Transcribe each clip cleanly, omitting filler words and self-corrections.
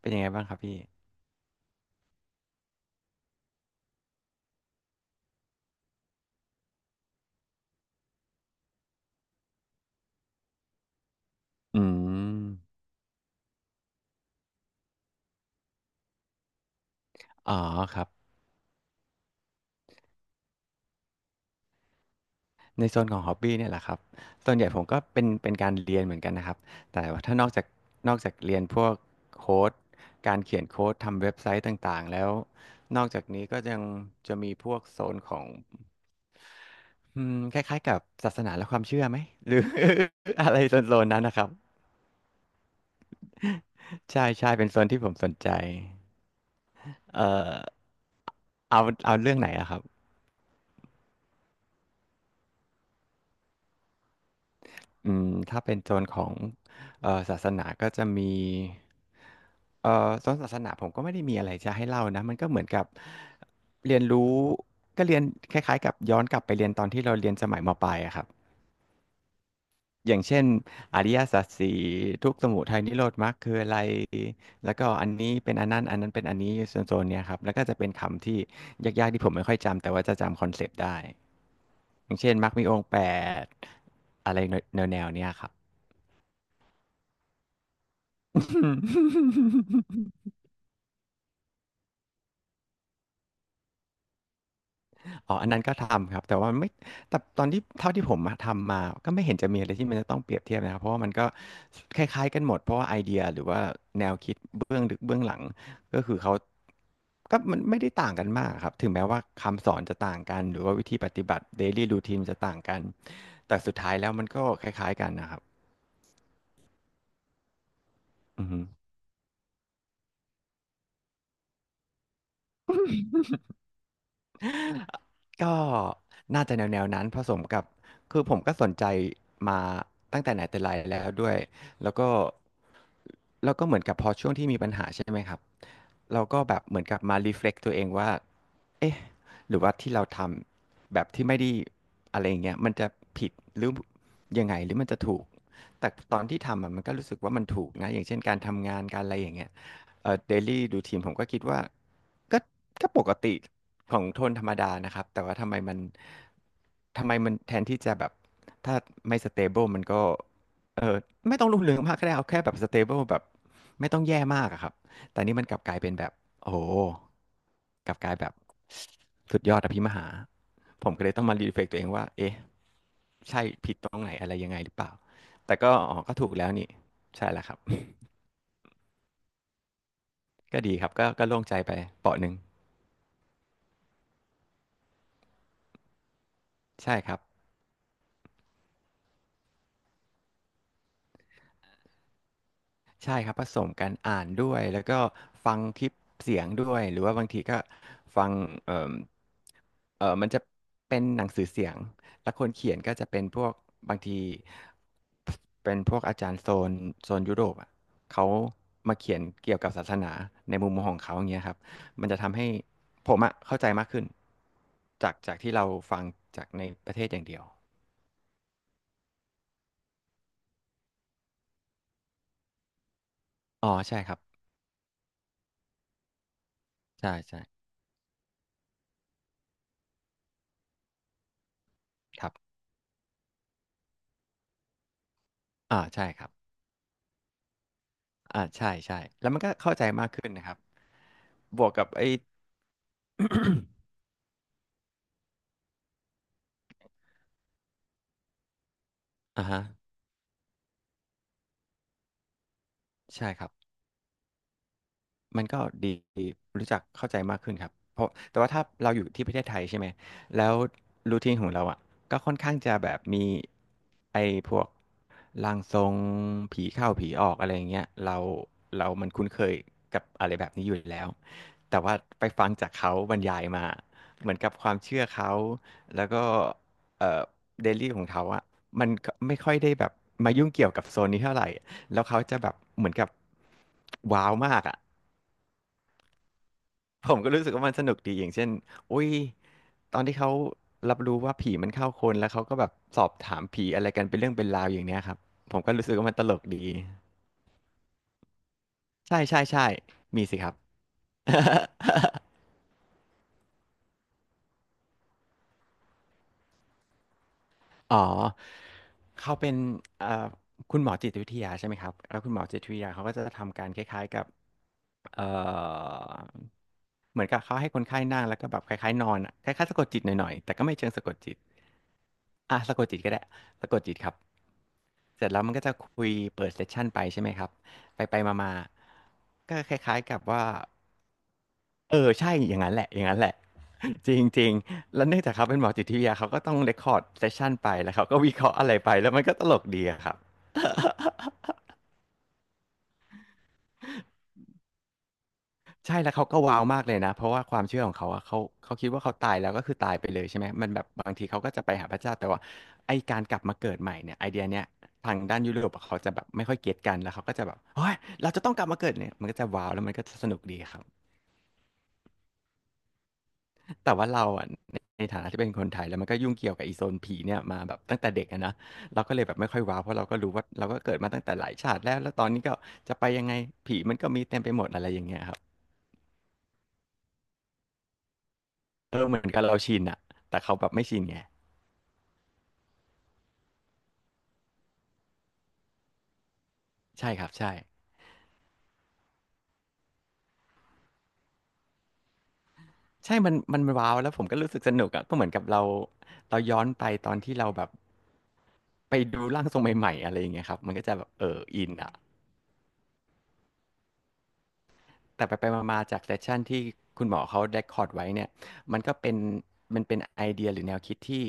เป็นยังไงบ้างครับพี่ อืม อ๋อครับในโซนของฮอบบี้เนี่ยแหละครับส่วนใหญ่ผมก็เป็นการเรียนเหมือนกันนะครับ แต่ว่าถ้านอกจากเรียนพวกโค้ดการเขียนโค้ดทำเว็บไซต์ต่างๆแล้ว นอกจากนี้ก็ยังจะมีพวกโซนของคล้ายๆกับศาสนาและความเชื่อไหมหรือ อะไรโซนๆนั้นนะครับ ใช่ใช่เป็นโซนที่ผมสนใจเอ่อเอาเอาเรื่องไหนอะครับ อืมถ้าเป็นโซนของศาสนาก็จะมีโซนศาสนาผมก็ไม่ได้มีอะไรจะให้เล่านะมันก็เหมือนกับเรียนรู้ก็เรียนคล้ายๆกับย้อนกลับไปเรียนตอนที่เราเรียนสมัยมปลายอะครับอย่างเช่นอริยสัจสี่ทุกข์สมุทัยนิโรธมรรคคืออะไรแล้วก็อันนี้เป็นอันนั้นอันนั้นเป็นอันนี้โซนๆเนี้ยครับแล้วก็จะเป็นคำที่ยากๆที่ผมไม่ค่อยจำแต่ว่าจะจำคอนเซปต์ได้อย่างเช่นมรรคมีองค์แปดอะไรแนวๆเนี้ยครับ อ๋ออันนั้นก็ทำครับ แต่ว่าไม่แต่ตอนที่เท่าที่ผมมาทำมาก็ไม่เห็นจะมีอะไรที่มันจะต้องเปรียบเทียบนะครับเพราะว่ามันก็คล้ายๆกันหมดเพราะว่าไอเดียหรือว่าแนวคิดเบื้องลึกเบื้องหลังก็คือเขาก็มันไม่ได้ต่างกันมากครับถึงแม้ว่าคำสอนจะต่างกัน หรือว่าวิธีปฏิบัติ daily routine จะต่างกัน แต่สุดท้ายแล้วมันก็คล้ายๆกันนะครับอือฮึ ก็น่าจะแนวนั้นผสมกับคือผมก็สนใจมาตั้งแต่ไหนแต่ไรแล้วด้วยแล้วก็แล้วก็เหมือนกับพอช่วงที่มีปัญหาใช่ไหมครับเราก็แบบเหมือนกับมา reflect ตัวเองว่าเอ๊ะหรือว่าที่เราทำแบบที่ไม่ได้อะไรอย่างเงี้ยมันจะผิดหรือยังไงหรือมันจะถูกแต่ตอนที่ทำอะมันก็รู้สึกว่ามันถูกนะอย่างเช่นการทำงานการอะไรอย่างเงี้ย เดลี่ดูทีมผมก็คิดว่าก็ก็ปกติของโทนธรรมดานะครับแต่ว่าทำไมมันแทนที่จะแบบถ้าไม่สเตเบิลมันก็เออไม่ต้องรุ่งเรืองมากก็ได้เอาแค่แบบสเตเบิลแบบไม่ต้องแย่มากอะครับแต่นี่มันกลับกลายเป็นแบบโอ้โหกลับกลายแบบสุดยอดอภิมหาผมก็เลยต้องมารีเฟล็กตัวเองว่าเอ๊ะใช่ผิดตรงไหนอะไรยังไงหรือเปล่าแต่ก็อ๋อก็ถูกแล้วนี่ใช่แล้วครับ ก็ดีครับก็ก็โล่งใจไปเปาะหนึ่ง ใช่ครับใช่ครับผสมกันอ่านด้วยแล้วก็ฟังคลิปเสียงด้วยหรือว่าบางทีก็ฟังเอ่มมันจะเป็นหนังสือเสียงแล้วคนเขียนก็จะเป็นพวกบางทีเป็นพวกอาจารย์โซนโซนยุโรปอ่ะเขามาเขียนเกี่ยวกับศาสนาในมุมมองของเขาอย่างเงี้ยครับมันจะทำให้ผมอ่ะเข้าใจมากขึ้นจากที่เราฟังจากในประเทศอย่างเดียวอ๋อใช่ครับใช่ใช่ครับอ่าใช่ครับ อ่าใช่ใช่แล้วมันก็เข้าใจมากขึ้นนะครับบวกกับไอ้อ่าฮะใช่ครับ มันก็ดีรู้จักเข้าใจมากขึ้นครับเพราะแต่ว่าถ้าเราอยู่ที่ประเทศไทยใช่ไหมแล้วรูทีนของเราอ่ะก็ค่อนข้างจะแบบมีไอ้พวกร่างทรงผีเข้าผีออกอะไรอย่างเงี้ยเรามันคุ้นเคยกับอะไรแบบนี้อยู่แล้วแต่ว่าไปฟังจากเขาบรรยายมาเหมือนกับความเชื่อเขาแล้วก็เอ่อเดลี่ของเขาอะมันก็ไม่ค่อยได้แบบมายุ่งเกี่ยวกับโซนนี้เท่าไหร่แล้วเขาจะแบบเหมือนกับว้าวมากอะ ผมก็รู้สึกว่ามันสนุกดีอย่างเช่นอุ้ยตอนที่เขารับรู้ว่าผีมันเข้าคนแล้วเขาก็แบบสอบถามผีอะไรกันเป็นเรื่องเป็นราวอย่างเนี้ยครับ ผมก็รู้สึกว่ามันตลกดีใช่ใช่ใช่มีสิครับ อ๋อเขาเป็นเอ่อคุณหมอจิตวิทยาใช่ไหมครับแล้วคุณหมอจิตวิทยาเขาก็จะทำการคล้ายๆกับเอ่อเหมือนกับเขาให้คนไข้นั่งแล้วก็แบบคล้ายๆนอนอะคล้ายๆสะกดจิตหน่อยๆแต่ก็ไม่เชิงสะกดจิต อ่ะสะกดจิตก็ได้สะกดจิตครับเสร็จแล้วมันก็จะคุยเปิดเซสชันไปใช่ไหมครับไปไปมามาๆก็คล้ายๆกับว่าเออใช่อย่างนั้นแหละอย่างนั้นแหละ จริงจริงแล้วเนื่องจากเขาเป็นหมอจิตวิทยาเขาก็ต้องเรคคอร์ดเซสชันไปแล้วเขาก็วิเคราะห์อะไรไปแล้วมันก็ตลกดีอะครับ ใช่แล้วเขาก็ว้าวมากเลยนะเพราะว่าความเชื่อของเขาอะเขาคิดว่าเขาตายแล้วก็คือตายไปเลยใช่ไหมมันแบบบางทีเขาก็จะไปหาพระเจ้าแต่ว่าไอการกลับมาเกิดใหม่เนี่ยไอเดียเนี้ยทางด้านยุโรปอะเขาจะแบบไม่ค่อยเก็ตกันแล้วเขาก็จะแบบเฮ้ยเราจะต้องกลับมาเกิดเนี่ยมันก็จะว้าวแล้วมันก็จะสนุกดีครับแต่ว่าเราอะในฐานะที่เป็นคนไทยแล้วมันก็ยุ่งเกี่ยวกับอีโซนผีเนี่ยมาแบบตั้งแต่เด็กอะนะเราก็เลยแบบไม่ค่อยว้าวเพราะเราก็รู้ว่าเราก็เกิดมาตั้งแต่หลายชาติแล้วแล้วตอนนี้ก็จะไปยังไงอย่างเงี้ยครับเออเหมือนกับเราชินอะแต่เขาแบบไม่ชินไงใช่ครับใช่ ใช่มันว้าวแล้วผมก็รู้สึกสนุกอะก็เหมือนกับเราย้อนไปตอนที่เราแบบไปดูร่างทรงใหม่ๆอะไรอย่างเงี้ยครับมันก็จะแบบเอออินอ่ะ แต่ไปไปมาๆจากเซสชันที่คุณหมอเขาเรคคอร์ดไว้เนี่ยมันก็เป็นมันเป็นไอเดียหรือแนวคิดที่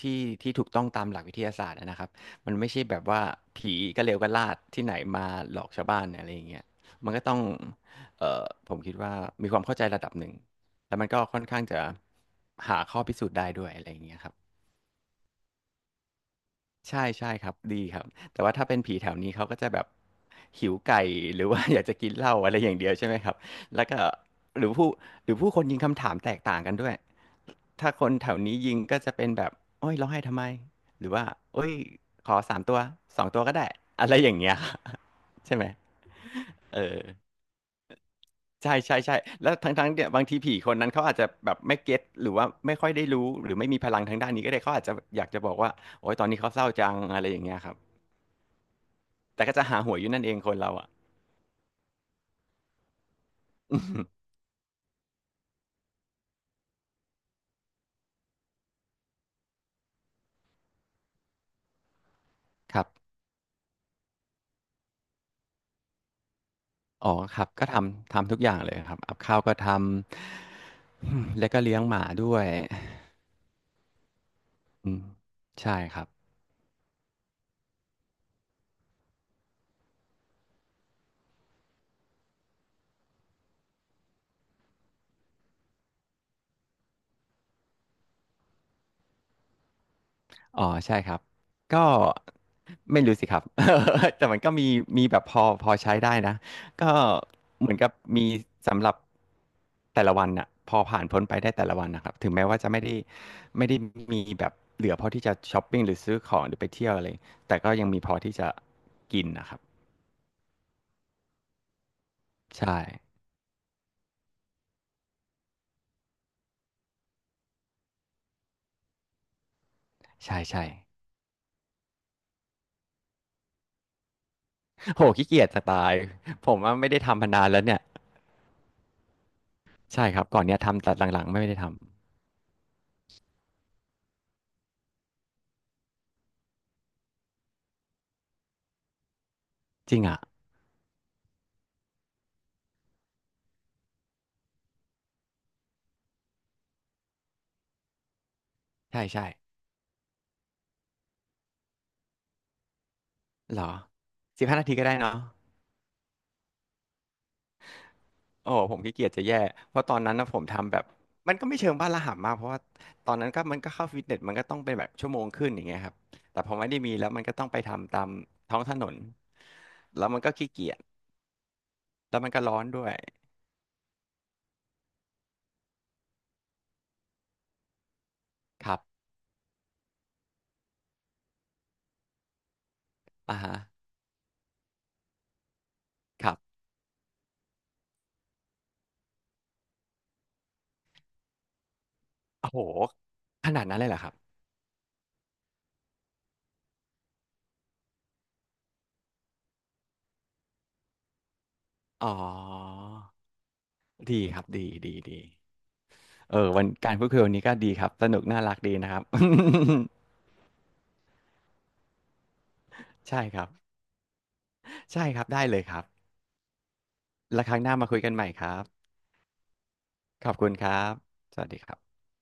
ที่ถูกต้องตามหลักวิทยาศาสตร์อะนะครับมันไม่ใช่แบบว่าผีก็เลวก็ลาดที่ไหนมาหลอกชาวบ้านอะไรอย่างเงี้ยมันก็ต้องเอ่อผมคิดว่ามีความเข้าใจระดับหนึ่งแล้วมันก็ค่อนข้างจะหาข้อพิสูจน์ได้ด้วยอะไรอย่างเงี้ยครับ ใช่ใช่ครับดีครับแต่ว่าถ้าเป็นผีแถวนี้เขาก็จะแบบหิวไก่หรือว่า อยากจะกินเหล้าอะไรอย่างเดียวใช่ไหมครับแล้วก็หรือผู้หรือผู้คนยิงคำถามแตกต่างกันด้วยถ้าคนแถวนี้ยิงก็จะเป็นแบบโอ้ยร้องไห้ทำไมหรือว่าโอ้ยขอสามตัวสองตัวก็ได้อะไรอย่างเงี้ย ใช่ไหมเออใช่ใช่ใช่แล้วทั้งเนี่ยบางทีผีคนนั้นเขาอาจจะแบบไม่เก็ตหรือว่าไม่ค่อยได้รู้หรือไม่มีพลังทางด้านนี้ก็ได้เขาอาจจะอยากจะบอกว่าโอ้ยตอนนี้เขาเศร้าจังอะไรอย่างเงี้ยครับ แต่ก็จะหาหวยอยู่นั่นเองคนเราอ่ะ ครับอ๋อครับก็ทำทำทุกอย่างเลยครับอับข้าวก็ทำ อืมแล้วก็เลี้ยงหมาด้วยอืมใช่ครับ อ๋อ ใช่ครับ ก็ไม่รู้สิครับ แต่มันก็มีมีแบบพอพอใช้ได้นะ ก็เหมือนกับมีสำหรับแต่ละวันน่ะพอผ่านพ้นไปได้แต่ละวันนะครับ ถึงแม้ว่าจะไม่ได้มีแบบเหลือพอที่จะช้อปปิ้งหรือซื้อของหรือไปเที่ยวอะไรแต่ก็ยังมีพอที่จะกินนะครับ ใช่ใช่ใช่โหขี้เกียจจะตาย ผมว่าไม่ได้ทำมานานแล้วเนี่ยใช่ครับก่อนเนี้ยทำแต่หลังๆไม่ได้ทำจริงอ่ะใช่ใช่เหรอ15 นาทีก็ได้เนาะโอ้โหผมขี้เกียจจะแย่เพราะตอนนั้นนะผมทำแบบมันก็ไม่เชิงบ้าระห่ำมากเพราะว่าตอนนั้นก็มันก็เข้าฟิตเนสมันก็ต้องเป็นแบบชั่วโมงครึ่งอย่างเงี้ยครับแต่พอไม่ได้มีแล้วมันก็ต้องไปทำตามท้องถนนแล้วมันก็ขี้เกียจแล้วมันก็ร้อนด้วยครับอ่าฮะครับโอ้โหขนาดนั้นเลยเหรอครับอ๋อ ดีครับดีดีดีเออวันการพูดคุยวันนี้ก็ดีครับสนุกน่ารักดีนะครับ ใช่ครับใช่ครับได้เลยครับแล้วครั้งหน้ามาคุยกันใหม่ครับขอบคุณครับสวัสดีครับ